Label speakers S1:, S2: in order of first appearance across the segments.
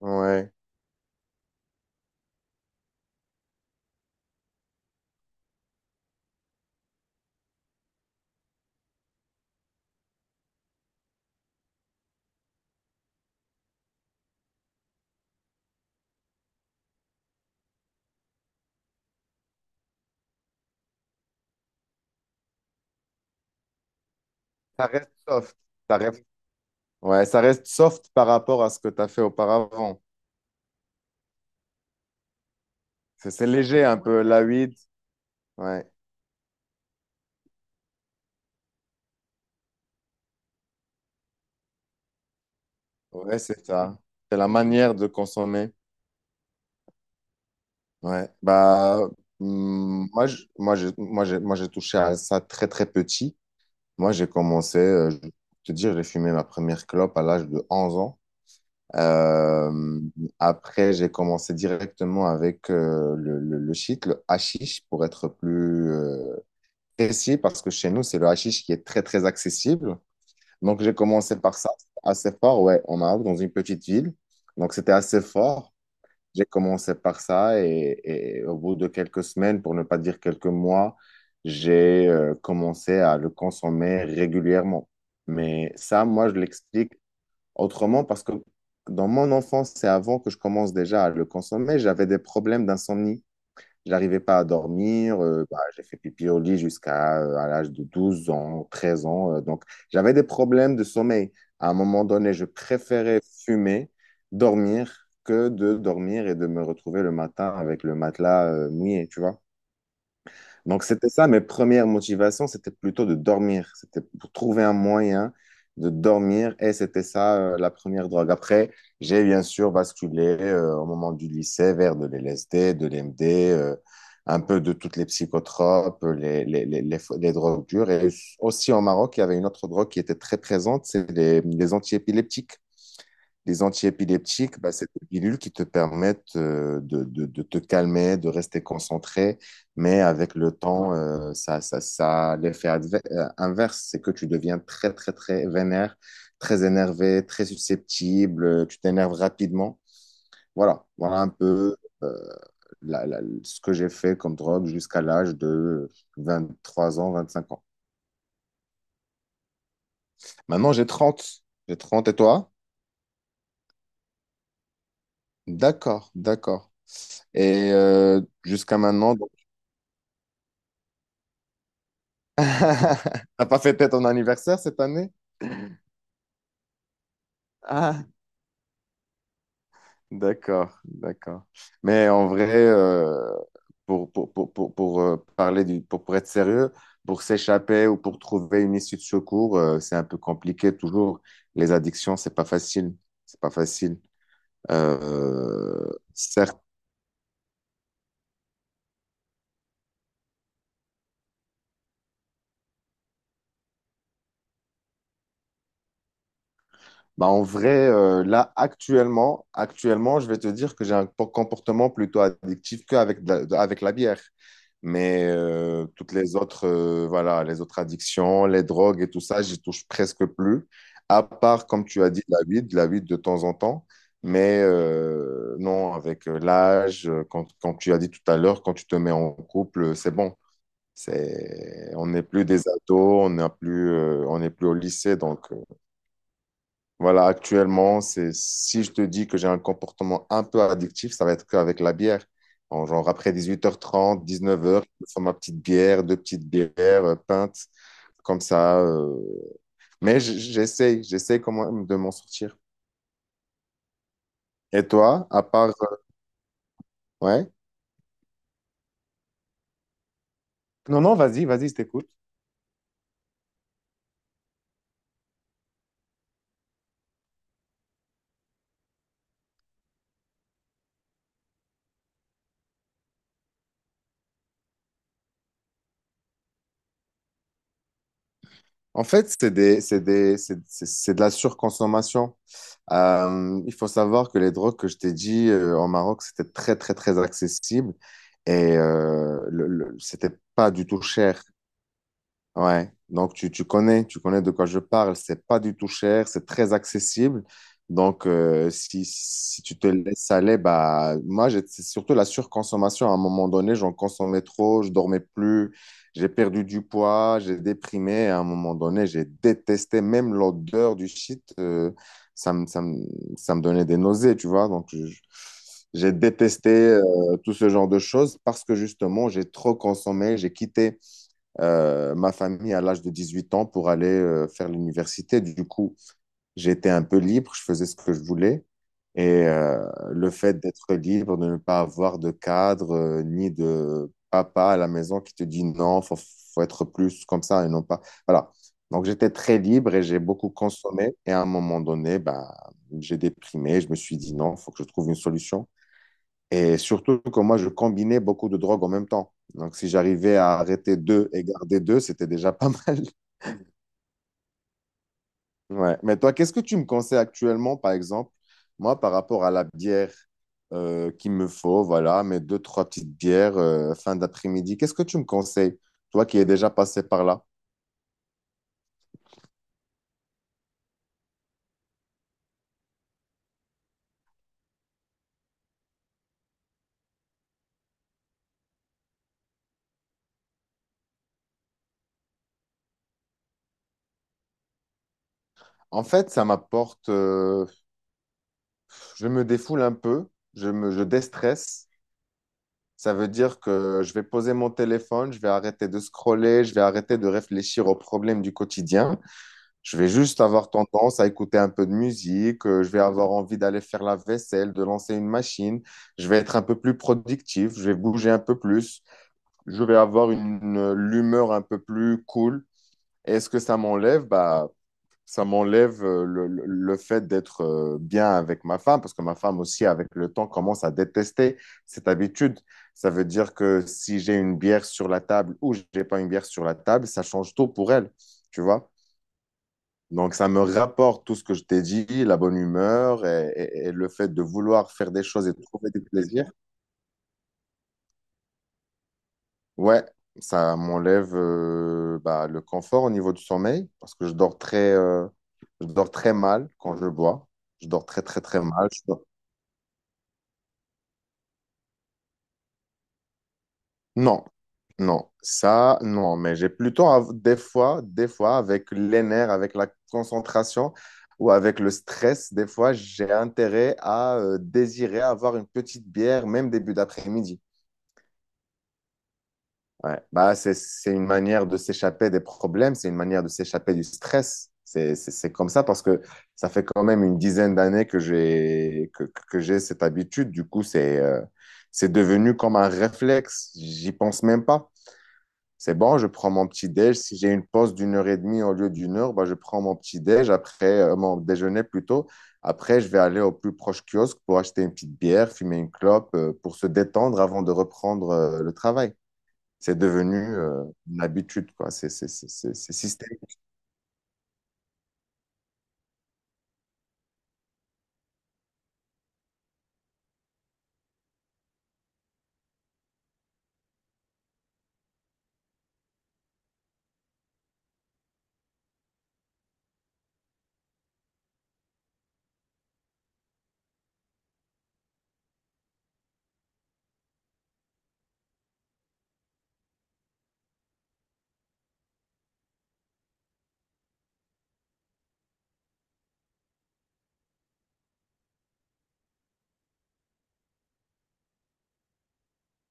S1: Ouais. Ça reste soft. Ça reste, ouais, ça reste soft par rapport à ce que tu as fait auparavant. C'est léger un peu, la weed. Ouais, ouais, c'est ça. C'est la manière de consommer. Ouais. Bah, moi, je- moi, j'ai, moi, j'ai, moi, j'ai touché à ça très, très petit. Moi, j'ai commencé, je vais te dire, j'ai fumé ma première clope à l'âge de 11 ans. Euh, après, j'ai commencé directement avec le shit, le hashish, pour être plus, précis parce que chez nous, c'est le hashish qui est très, très accessible. Donc, j'ai commencé par ça, assez fort, ouais, en Maroc, dans une petite ville. Donc, c'était assez fort. J'ai commencé par ça et au bout de quelques semaines, pour ne pas dire quelques mois, j'ai commencé à le consommer régulièrement. Mais ça, moi, je l'explique autrement parce que dans mon enfance, c'est avant que je commence déjà à le consommer, j'avais des problèmes d'insomnie. Je n'arrivais pas à dormir. Bah, j'ai fait pipi au lit jusqu'à à l'âge de 12 ans, 13 ans. Donc, j'avais des problèmes de sommeil. À un moment donné, je préférais fumer, dormir, que de dormir et de me retrouver le matin avec le matelas mouillé, tu vois. Donc, c'était ça, mes premières motivations, c'était plutôt de dormir. C'était pour trouver un moyen de dormir et c'était ça la première drogue. Après, j'ai bien sûr basculé au moment du lycée vers de l'LSD, de l'MD, un peu de toutes les psychotropes, les drogues dures. Et aussi au Maroc, il y avait une autre drogue qui était très présente, c'est les antiépileptiques. Bah, c'est des pilules qui te permettent de te calmer, de rester concentré, mais avec le temps, ça l'effet inverse, c'est que tu deviens très, très, très vénère, très énervé, très susceptible, tu t'énerves rapidement. Voilà, voilà un peu euh, ce que j'ai fait comme drogue jusqu'à l'âge de 23 ans, 25 ans. Maintenant, j'ai 30. J'ai 30 et toi? D'accord, d'accord. Et jusqu'à maintenant, t'as pas fêté ton anniversaire cette année? Ah, d'accord, d'accord. Mais en vrai, pour être sérieux, pour s'échapper ou pour trouver une issue de secours, c'est un peu compliqué toujours. Les addictions, c'est pas facile. C'est pas facile. Certes. Bah, en vrai, là, actuellement, je vais te dire que j'ai un comportement plutôt addictif qu'avec de la, de- avec la bière. Mais toutes les autres, voilà, les autres addictions, les drogues et tout ça, j'y touche presque plus. À part, comme tu as dit, la weed de temps en temps. Mais non, avec l'âge, quand tu as dit tout à l'heure, quand tu te mets en couple, c'est bon. On n'est plus des ados, on n'est plus au lycée, donc. Voilà, actuellement, c'est si je te dis que j'ai un comportement un peu addictif, ça va être qu'avec la bière. En genre après 18h30, 19h, je me fais ma petite bière, deux petites bières, pinte, comme ça. Mais j'essaye quand même de m'en sortir. Et toi, à part, ouais? Non, non, vas-y, vas-y, je t'écoute. En fait, c'est des, c'est des, c'est de la surconsommation. Il faut savoir que les drogues que je t'ai dit en Maroc, c'était très, très, très accessible et c'était pas du tout cher. Ouais, donc tu connais de quoi je parle. C'est pas du tout cher, c'est très accessible. Donc, si tu te laisses aller, bah, moi, c'est surtout la surconsommation. À un moment donné, j'en consommais trop, je dormais plus, j'ai perdu du poids, j'ai déprimé. À un moment donné, j'ai détesté même l'odeur du shit. Ça me, ça me, Ça me donnait des nausées, tu vois. Donc, j'ai détesté tout ce genre de choses parce que justement, j'ai trop consommé, j'ai quitté ma famille à l'âge de 18 ans pour aller faire l'université. Du coup, j'étais un peu libre, je faisais ce que je voulais. Et le fait d'être libre, de ne pas avoir de cadre, ni de papa à la maison qui te dit non, faut être plus comme ça et non pas. Voilà. Donc j'étais très libre et j'ai beaucoup consommé. Et à un moment donné, ben, j'ai déprimé. Je me suis dit non, faut que je trouve une solution. Et surtout que moi, je combinais beaucoup de drogues en même temps. Donc, si j'arrivais à arrêter deux et garder deux, c'était déjà pas mal. Ouais. Mais toi, qu'est-ce que tu me conseilles actuellement, par exemple, moi, par rapport à la bière qu'il me faut, voilà, mes deux, trois petites bières fin d'après-midi, qu'est-ce que tu me conseilles, toi qui es déjà passé par là? En fait, ça m'apporte, je me défoule un peu, je déstresse. Ça veut dire que je vais poser mon téléphone, je vais arrêter de scroller, je vais arrêter de réfléchir aux problèmes du quotidien. Je vais juste avoir tendance à écouter un peu de musique, je vais avoir envie d'aller faire la vaisselle, de lancer une machine. Je vais être un peu plus productif, je vais bouger un peu plus, je vais avoir l'humeur un peu plus cool. Est-ce que ça m'enlève? Bah, ça m'enlève le fait d'être bien avec ma femme, parce que ma femme aussi, avec le temps, commence à détester cette habitude. Ça veut dire que si j'ai une bière sur la table ou j'ai pas une bière sur la table, ça change tout pour elle, tu vois. Donc, ça me rapporte tout ce que je t'ai dit, la bonne humeur et le fait de vouloir faire des choses et de trouver des plaisirs. Ouais, ça m'enlève bah, le confort au niveau du sommeil parce que je dors très mal quand je bois. Je dors très, très, très mal. Non, non, ça, non, mais j'ai plutôt des fois, avec les nerfs, avec la concentration ou avec le stress, des fois, j'ai intérêt à désirer avoir une petite bière, même début d'après-midi. Ouais. Bah, c'est une manière de s'échapper des problèmes, c'est une manière de s'échapper du stress. C'est comme ça parce que ça fait quand même une dizaine d'années que j'ai cette habitude. Du coup, c'est devenu comme un réflexe. J'y pense même pas. C'est bon, je prends mon petit déj. Si j'ai une pause d'une heure et demie au lieu d'une heure, bah, je prends mon petit déj après mon déjeuner plutôt. Après, je vais aller au plus proche kiosque pour acheter une petite bière, fumer une clope pour se détendre avant de reprendre le travail. C'est devenu une habitude, quoi. C'est systémique.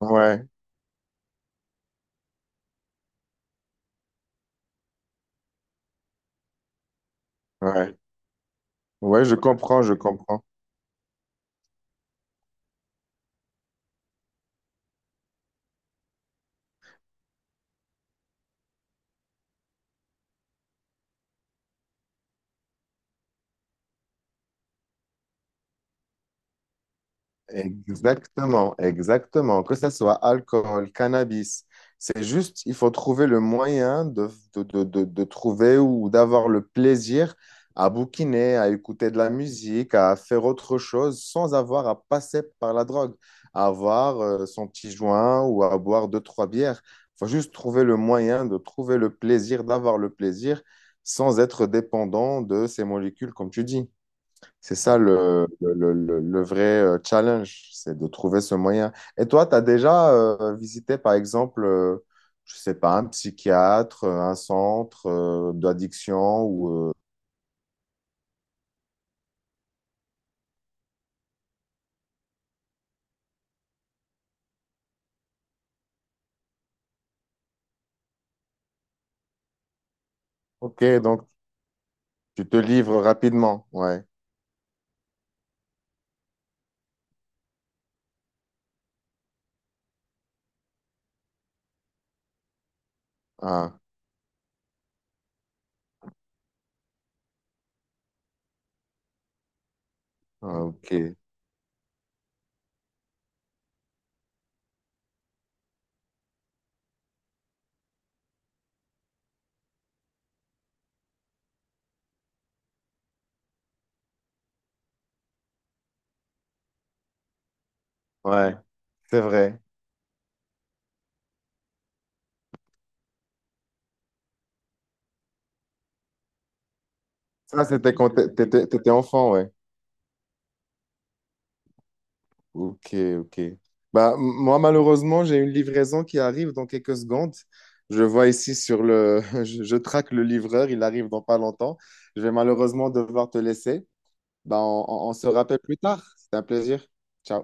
S1: Ouais, ouais. Ouais, je comprends, je comprends. Exactement, exactement. Que ce soit alcool, cannabis, c'est juste, il faut trouver le moyen de trouver ou d'avoir le plaisir à bouquiner, à écouter de la musique, à faire autre chose sans avoir à passer par la drogue, à avoir son petit joint ou à boire deux, trois bières. Il faut juste trouver le moyen de trouver le plaisir, d'avoir le plaisir sans être dépendant de ces molécules, comme tu dis. C'est ça le vrai challenge, c'est de trouver ce moyen. Et toi, tu as déjà visité, par exemple, je sais pas, un psychiatre, un centre d'addiction ou... Ok, donc tu te livres rapidement, ouais. Ah, ah, ok, ouais, c'est vrai. Ça, c'était quand tu étais enfant, ouais. Ok, ok. Bah, moi, malheureusement, j'ai une livraison qui arrive dans quelques secondes. Je vois ici sur le... Je traque le livreur, il arrive dans pas longtemps. Je vais malheureusement devoir te laisser. Bah, on se rappelle plus tard. C'était un plaisir. Ciao.